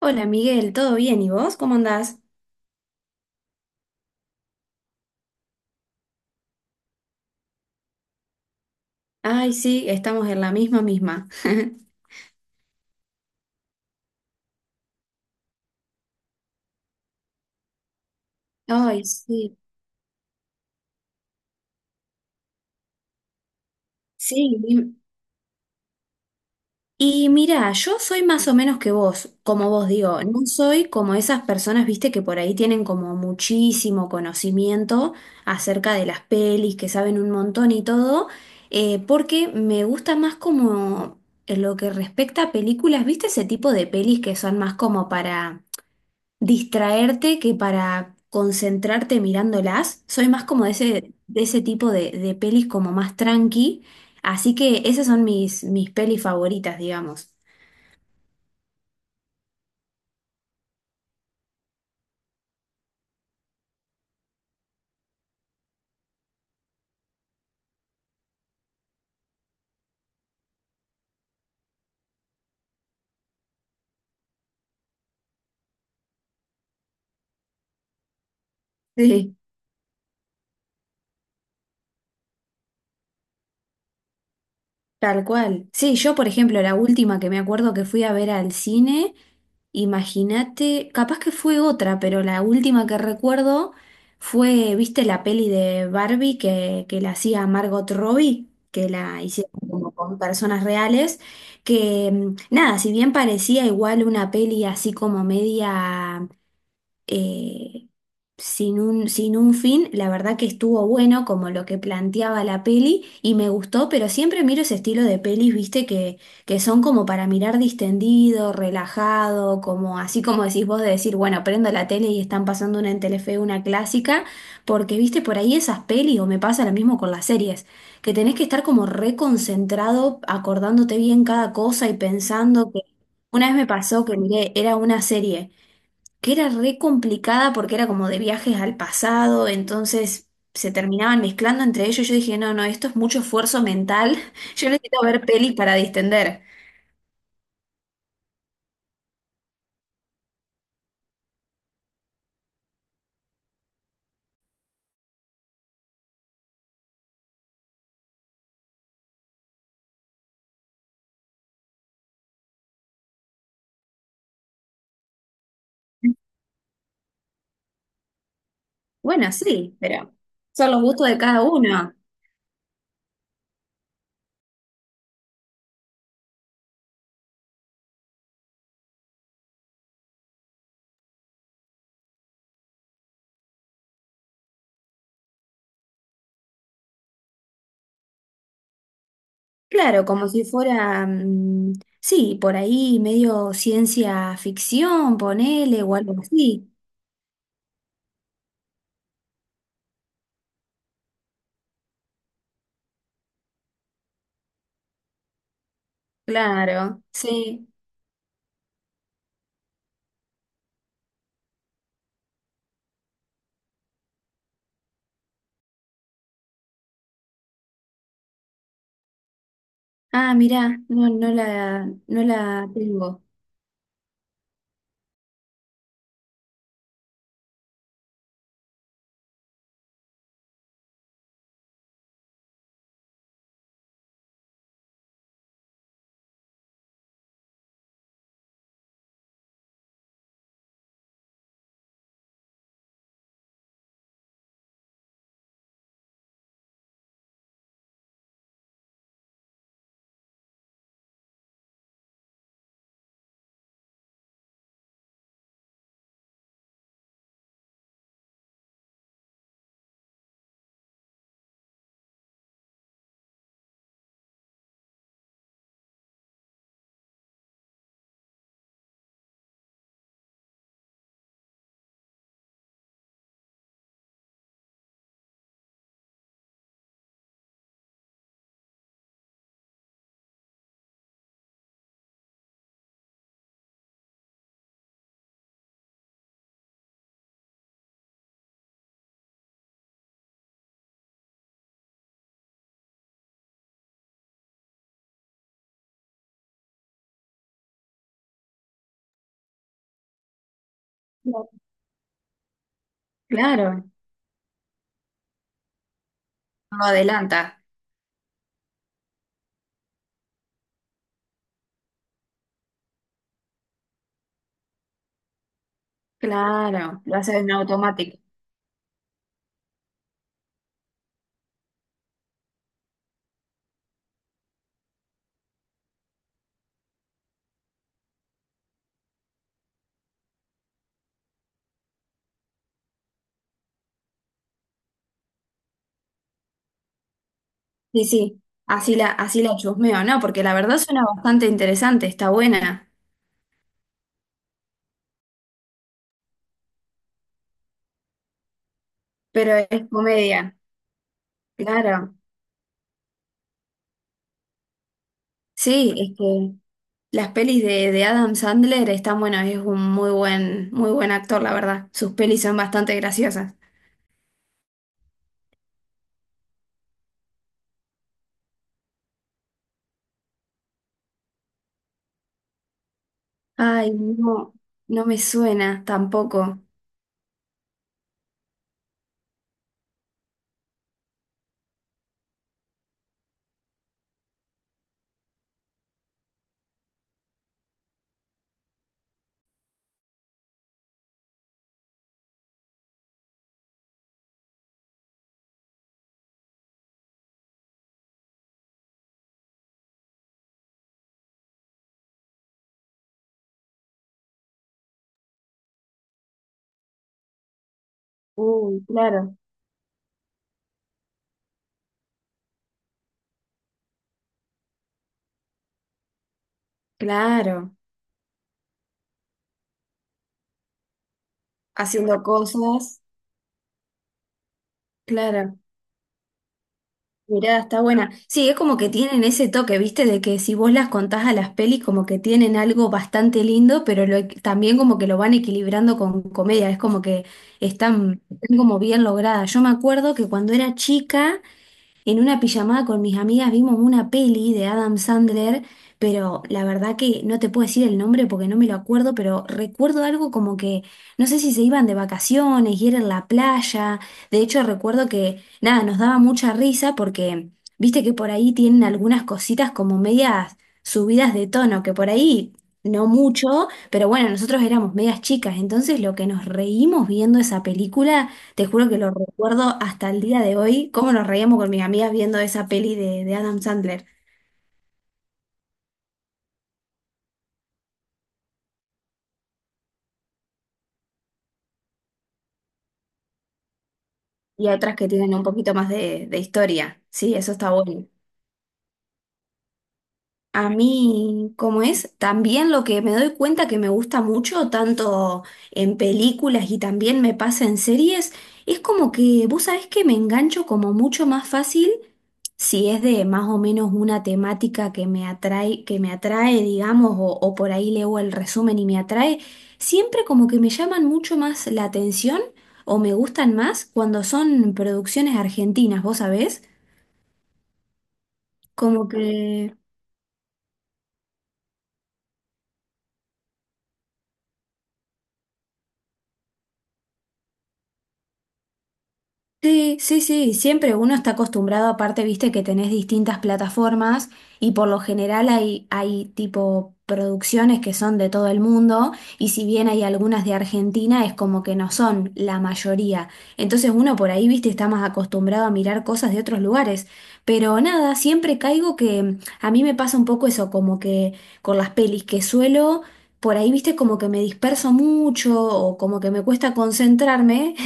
Hola Miguel, ¿todo bien? ¿Y vos? ¿Cómo andás? Ay, sí, estamos en la misma misma. Ay, sí. Sí. Y mira, yo soy más o menos que vos, como vos digo, no soy como esas personas, viste, que por ahí tienen como muchísimo conocimiento acerca de las pelis, que saben un montón y todo, porque me gusta más como en lo que respecta a películas, viste, ese tipo de pelis que son más como para distraerte que para concentrarte mirándolas. Soy más como de ese tipo de pelis como más tranqui. Así que esas son mis pelis favoritas, digamos. Sí, tal cual. Sí, yo por ejemplo, la última que me acuerdo que fui a ver al cine. Imagínate, capaz que fue otra, pero la última que recuerdo fue, ¿viste la peli de Barbie que la hacía Margot Robbie? Que la hicieron como con personas reales, que nada, si bien parecía igual una peli así como media eh, sin un fin, la verdad que estuvo bueno como lo que planteaba la peli y me gustó, pero siempre miro ese estilo de pelis, viste, que son como para mirar distendido, relajado, como así como decís vos de decir, bueno, prendo la tele y están pasando una en Telefe, una clásica, porque viste por ahí esas pelis, o me pasa lo mismo con las series, que tenés que estar como reconcentrado, acordándote bien cada cosa y pensando que... Una vez me pasó que miré, era una serie que era re complicada porque era como de viajes al pasado, entonces se terminaban mezclando entre ellos. Yo dije, no, no, esto es mucho esfuerzo mental, yo necesito ver pelis para distender. Bueno, sí, pero son los gustos de cada uno. Claro, como si fuera, mm, sí, por ahí medio ciencia ficción, ponele, o algo así. Claro, sí. Ah, mirá, no, no la tengo. Claro, no adelanta. Claro, lo haces en automático. Sí, sí, así la chusmeo, ¿no? Porque la verdad suena bastante interesante, está buena, pero es comedia, claro. Sí, es que las pelis de Adam Sandler están buenas, es un muy buen actor, la verdad. Sus pelis son bastante graciosas. Ay, no, no me suena tampoco. Uy, claro. Claro, haciendo cosas, claro. Mirá, está buena. Sí, es como que tienen ese toque, ¿viste? De que si vos las contás a las pelis, como que tienen algo bastante lindo, pero lo- también como que lo van equilibrando con comedia. Es como que están, están como bien logradas. Yo me acuerdo que cuando era chica. En una pijamada con mis amigas vimos una peli de Adam Sandler, pero la verdad que no te puedo decir el nombre porque no me lo acuerdo, pero recuerdo algo como que no sé si se iban de vacaciones y era en la playa. De hecho, recuerdo que nada, nos daba mucha risa porque viste que por ahí tienen algunas cositas como medias subidas de tono, que por ahí no mucho, pero bueno, nosotros éramos medias chicas, entonces lo que nos reímos viendo esa película. Te juro que lo recuerdo hasta el día de hoy, cómo nos reíamos con mis amigas viendo esa peli de Adam Sandler y otras que tienen un poquito más de historia. Sí, eso está bueno. A mí, cómo es, también lo que me doy cuenta que me gusta mucho, tanto en películas y también me pasa en series, es como que vos sabés que me engancho como mucho más fácil si es de más o menos una temática que me atrae, digamos, o, por ahí leo el resumen y me atrae, siempre como que me llaman mucho más la atención o me gustan más cuando son producciones argentinas, vos sabés, como que... Sí, sí, sí, siempre uno está acostumbrado, aparte, viste que tenés distintas plataformas y por lo general hay, tipo producciones que son de todo el mundo y si bien hay algunas de Argentina es como que no son la mayoría. Entonces uno por ahí, viste, está más acostumbrado a mirar cosas de otros lugares. Pero nada, siempre caigo que a mí me pasa un poco eso, como que con las pelis que suelo... Por ahí, viste, como que me disperso mucho o como que me cuesta concentrarme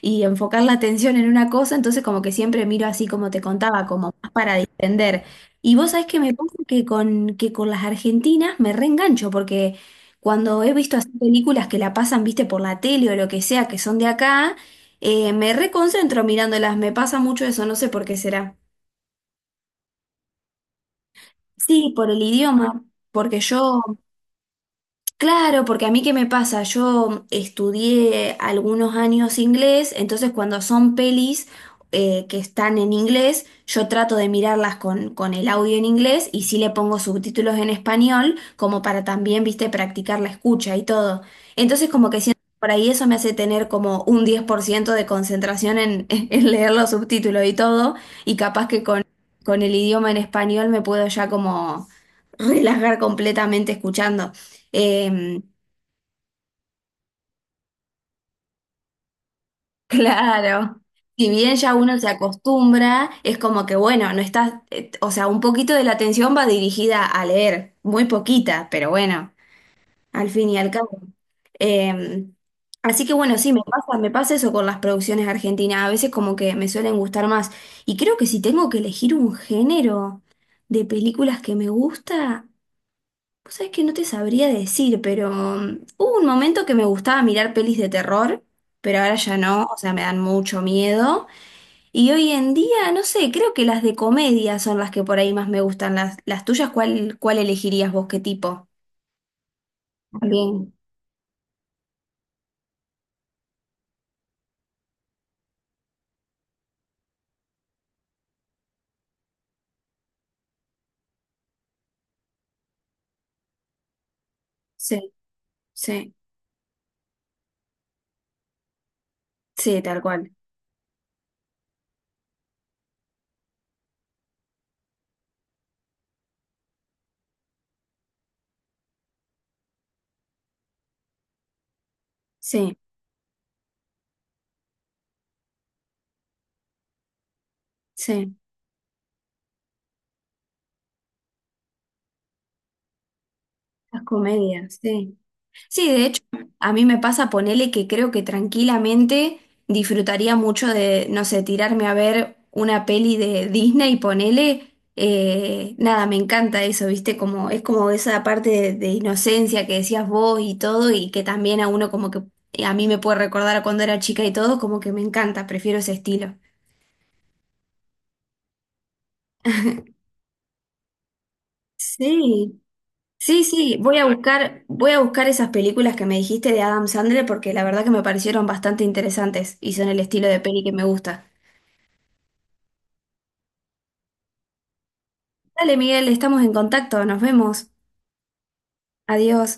y enfocar la atención en una cosa, entonces como que siempre miro así como te contaba, como más para distender. Y vos sabés que me pasa que con, las argentinas me reengancho, porque cuando he visto así películas que la pasan, viste, por la tele o lo que sea, que son de acá, me reconcentro mirándolas, me pasa mucho eso, no sé por qué será. Sí, por el idioma, porque yo Claro, porque a mí qué me pasa, yo estudié algunos años inglés, entonces cuando son pelis que están en inglés, yo trato de mirarlas con, el audio en inglés y sí le pongo subtítulos en español, como para también, viste, practicar la escucha y todo. Entonces como que siento que por ahí eso me hace tener como un 10% de concentración en, en leer los subtítulos y todo, y capaz que con, el idioma en español me puedo ya como relajar completamente escuchando. Em, Claro. Si bien ya uno se acostumbra, es como que bueno, no estás, o sea, un poquito de la atención va dirigida a leer, muy poquita, pero bueno, al fin y al cabo. Eh, Así que bueno, sí, me pasa eso con las producciones argentinas, a veces como que me suelen gustar más. Y creo que si tengo que elegir un género de películas que me gusta, vos sabés que no te sabría decir, pero hubo un momento que me gustaba mirar pelis de terror, pero ahora ya no, o sea, me dan mucho miedo. Y hoy en día, no sé, creo que las de comedia son las que por ahí más me gustan. Las tuyas, ¿cuál elegirías vos? ¿Qué tipo? También. Sí, sí, sí, tal cual. Sí, sí. Las comedias, sí. Sí, de hecho, a mí me pasa ponele que creo que tranquilamente disfrutaría mucho de, no sé, tirarme a ver una peli de Disney, ponele, nada, me encanta eso, ¿viste? Como, es como esa parte de inocencia que decías vos y todo, y que también a uno como que, a mí me puede recordar a cuando era chica y todo, como que me encanta, prefiero ese estilo. Sí. Sí, sí, voy a buscar esas películas que me dijiste de Adam Sandler porque la verdad que me parecieron bastante interesantes y son el estilo de peli que me gusta. Dale, Miguel, estamos en contacto, nos vemos. Adiós.